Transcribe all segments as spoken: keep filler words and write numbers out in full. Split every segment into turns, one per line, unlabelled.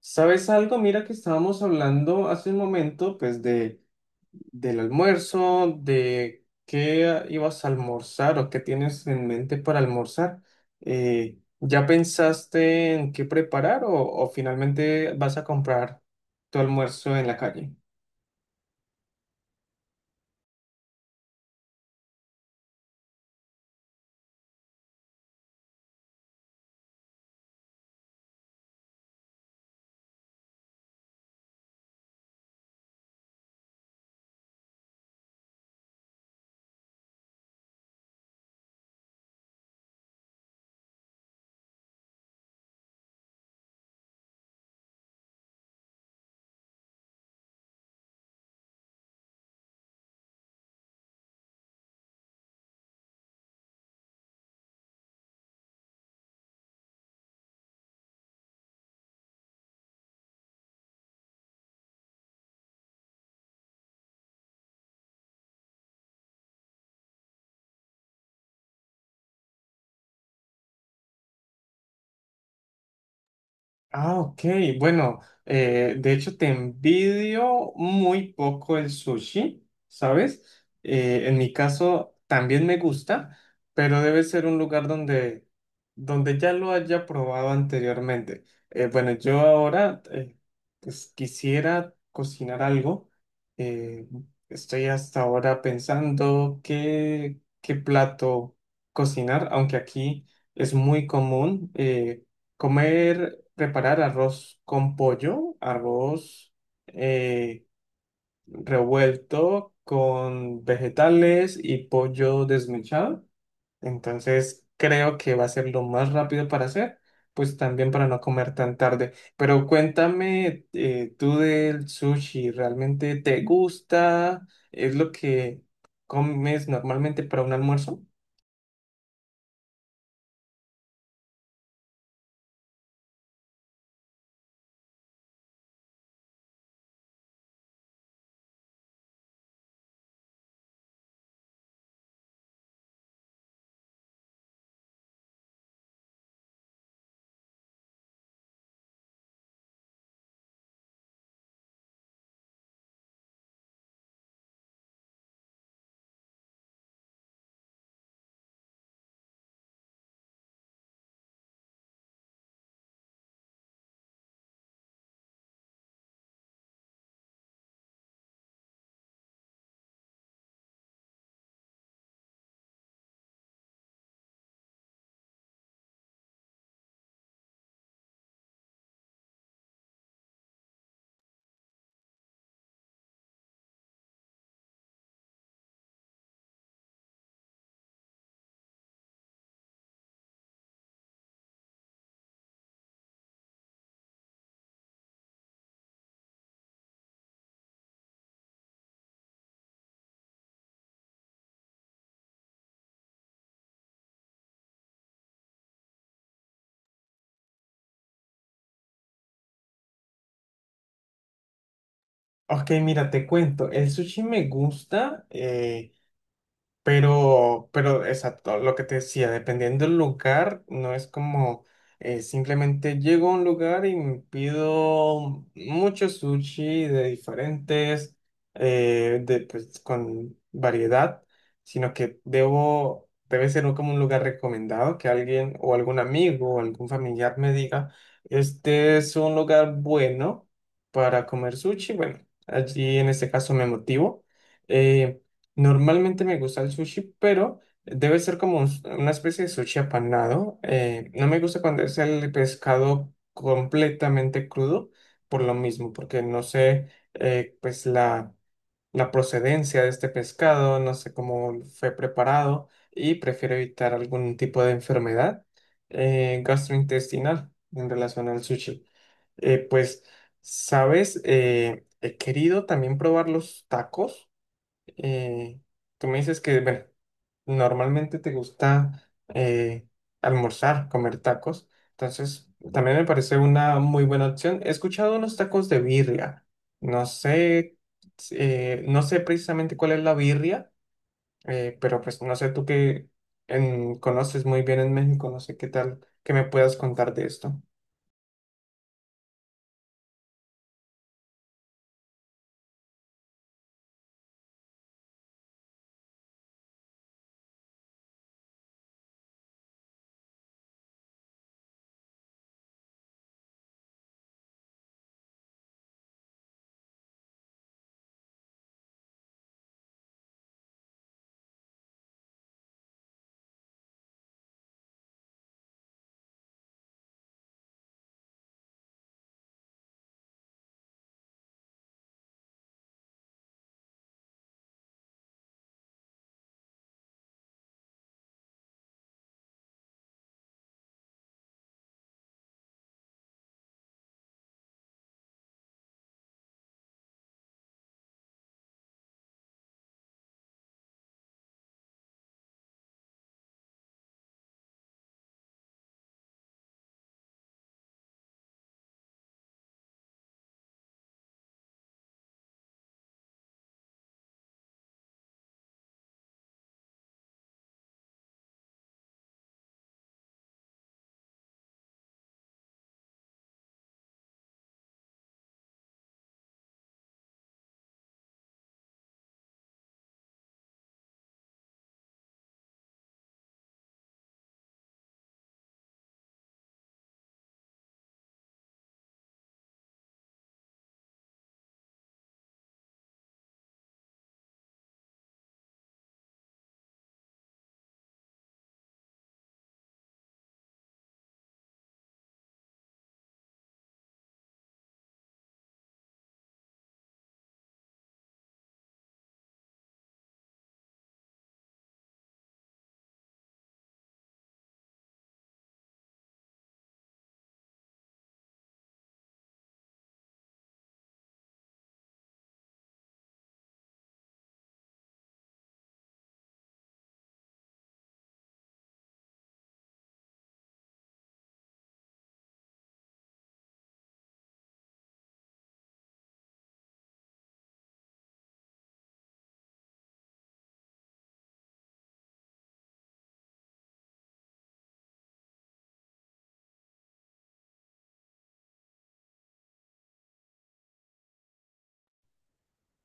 ¿Sabes algo? Mira que estábamos hablando hace un momento, pues, de, del almuerzo, de qué ibas a almorzar o qué tienes en mente para almorzar. Eh, ¿ya pensaste en qué preparar o, o finalmente vas a comprar tu almuerzo en la calle? Ah, ok. Bueno, eh, de hecho te envidio muy poco el sushi, ¿sabes? Eh, en mi caso también me gusta, pero debe ser un lugar donde, donde ya lo haya probado anteriormente. Eh, bueno, yo ahora eh, pues, quisiera cocinar algo. Eh, Estoy hasta ahora pensando qué, qué plato cocinar, aunque aquí es muy común. eh, Comer, preparar arroz con pollo, arroz eh, revuelto con vegetales y pollo desmechado. Entonces creo que va a ser lo más rápido para hacer, pues también para no comer tan tarde. Pero cuéntame eh, tú del sushi, ¿realmente te gusta? ¿Es lo que comes normalmente para un almuerzo? Ok, mira, te cuento, el sushi me gusta. eh, Pero, pero exacto, lo que te decía, dependiendo del lugar, no es como eh, simplemente llego a un lugar y me pido mucho sushi de diferentes, eh, de, pues, con variedad, sino que debo, debe ser un- como un lugar recomendado que alguien o algún amigo o algún familiar me diga, este es un lugar bueno para comer sushi. Bueno, allí en este caso me motivo. eh, Normalmente me gusta el sushi, pero debe ser como un- una especie de sushi apanado. Eh, no me gusta cuando es el pescado completamente crudo, por lo mismo, porque no sé, eh, pues la, la procedencia de este pescado, no sé cómo fue preparado y prefiero evitar algún tipo de enfermedad eh, gastrointestinal en relación al sushi. Eh, pues, ¿sabes? Eh, he querido también probar los tacos eh, tú me dices que, bueno, normalmente te gusta eh, almorzar, comer tacos. Entonces, también me parece una muy buena opción. He escuchado unos tacos de birria. No sé, eh, no sé precisamente cuál es la birria, eh, pero pues no sé tú que en- conoces muy bien en México, no sé qué tal que me puedas contar de esto.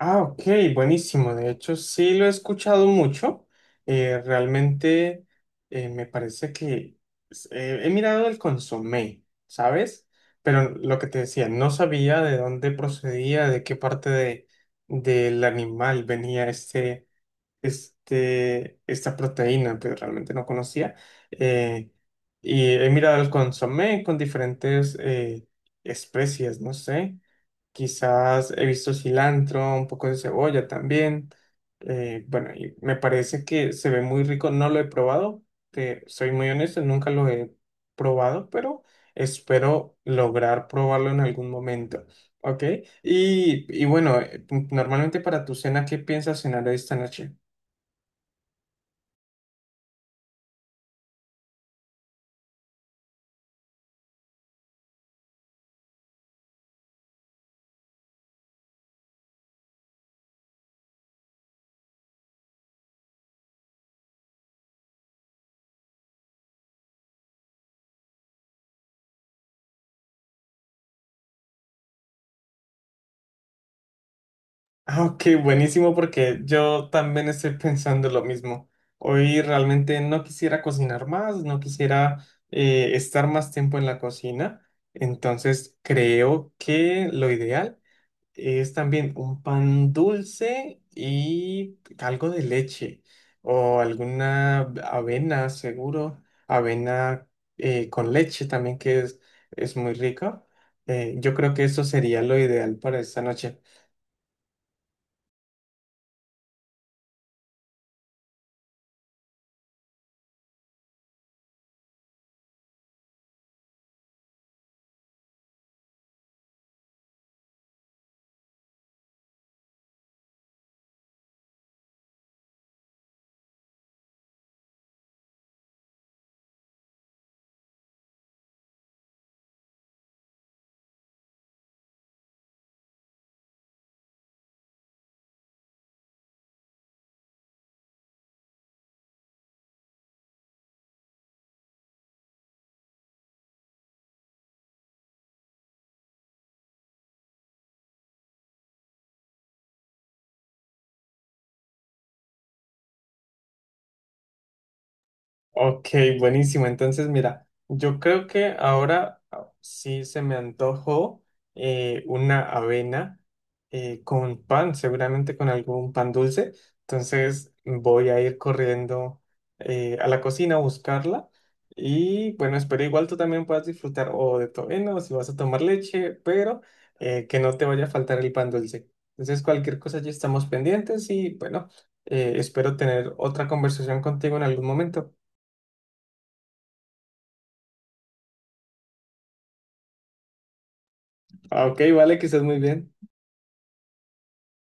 Ah, ok, buenísimo. De hecho, sí lo he escuchado mucho. Eh, realmente eh, me parece que s- eh, he mirado el consomé, ¿sabes? Pero lo que te decía, no sabía de dónde procedía, de qué parte de, del animal venía este, este, esta proteína, pero realmente no conocía. Eh, y he mirado el consomé con diferentes eh, especies, no sé. Quizás he visto cilantro, un poco de cebolla también. Eh, bueno, y me parece que se ve muy rico. No lo he probado. Te soy muy honesto, nunca lo he probado, pero espero lograr probarlo en algún momento. ¿Ok? Y, y bueno, eh, normalmente para tu cena, ¿qué piensas cenar esta noche? Ah, ok, buenísimo porque yo también estoy pensando lo mismo. Hoy realmente no quisiera cocinar más, no quisiera eh, estar más tiempo en la cocina. Entonces creo que lo ideal es también un pan dulce y algo de leche o alguna avena, seguro. Avena eh, con leche también que es, es muy rico. Eh, yo creo que eso sería lo ideal para esta noche. Ok, buenísimo. Entonces, mira, yo creo que ahora ah, sí se me antojó eh, una avena eh, con pan, seguramente con algún pan dulce. Entonces, voy a ir corriendo eh, a la cocina a buscarla. Y bueno, espero igual tú también puedas disfrutar o de tu avena o si vas a tomar leche, pero eh, que no te vaya a faltar el pan dulce. Entonces, cualquier cosa ya estamos pendientes y bueno, eh, espero tener otra conversación contigo en algún momento. Ah, ok, vale, que estés muy bien.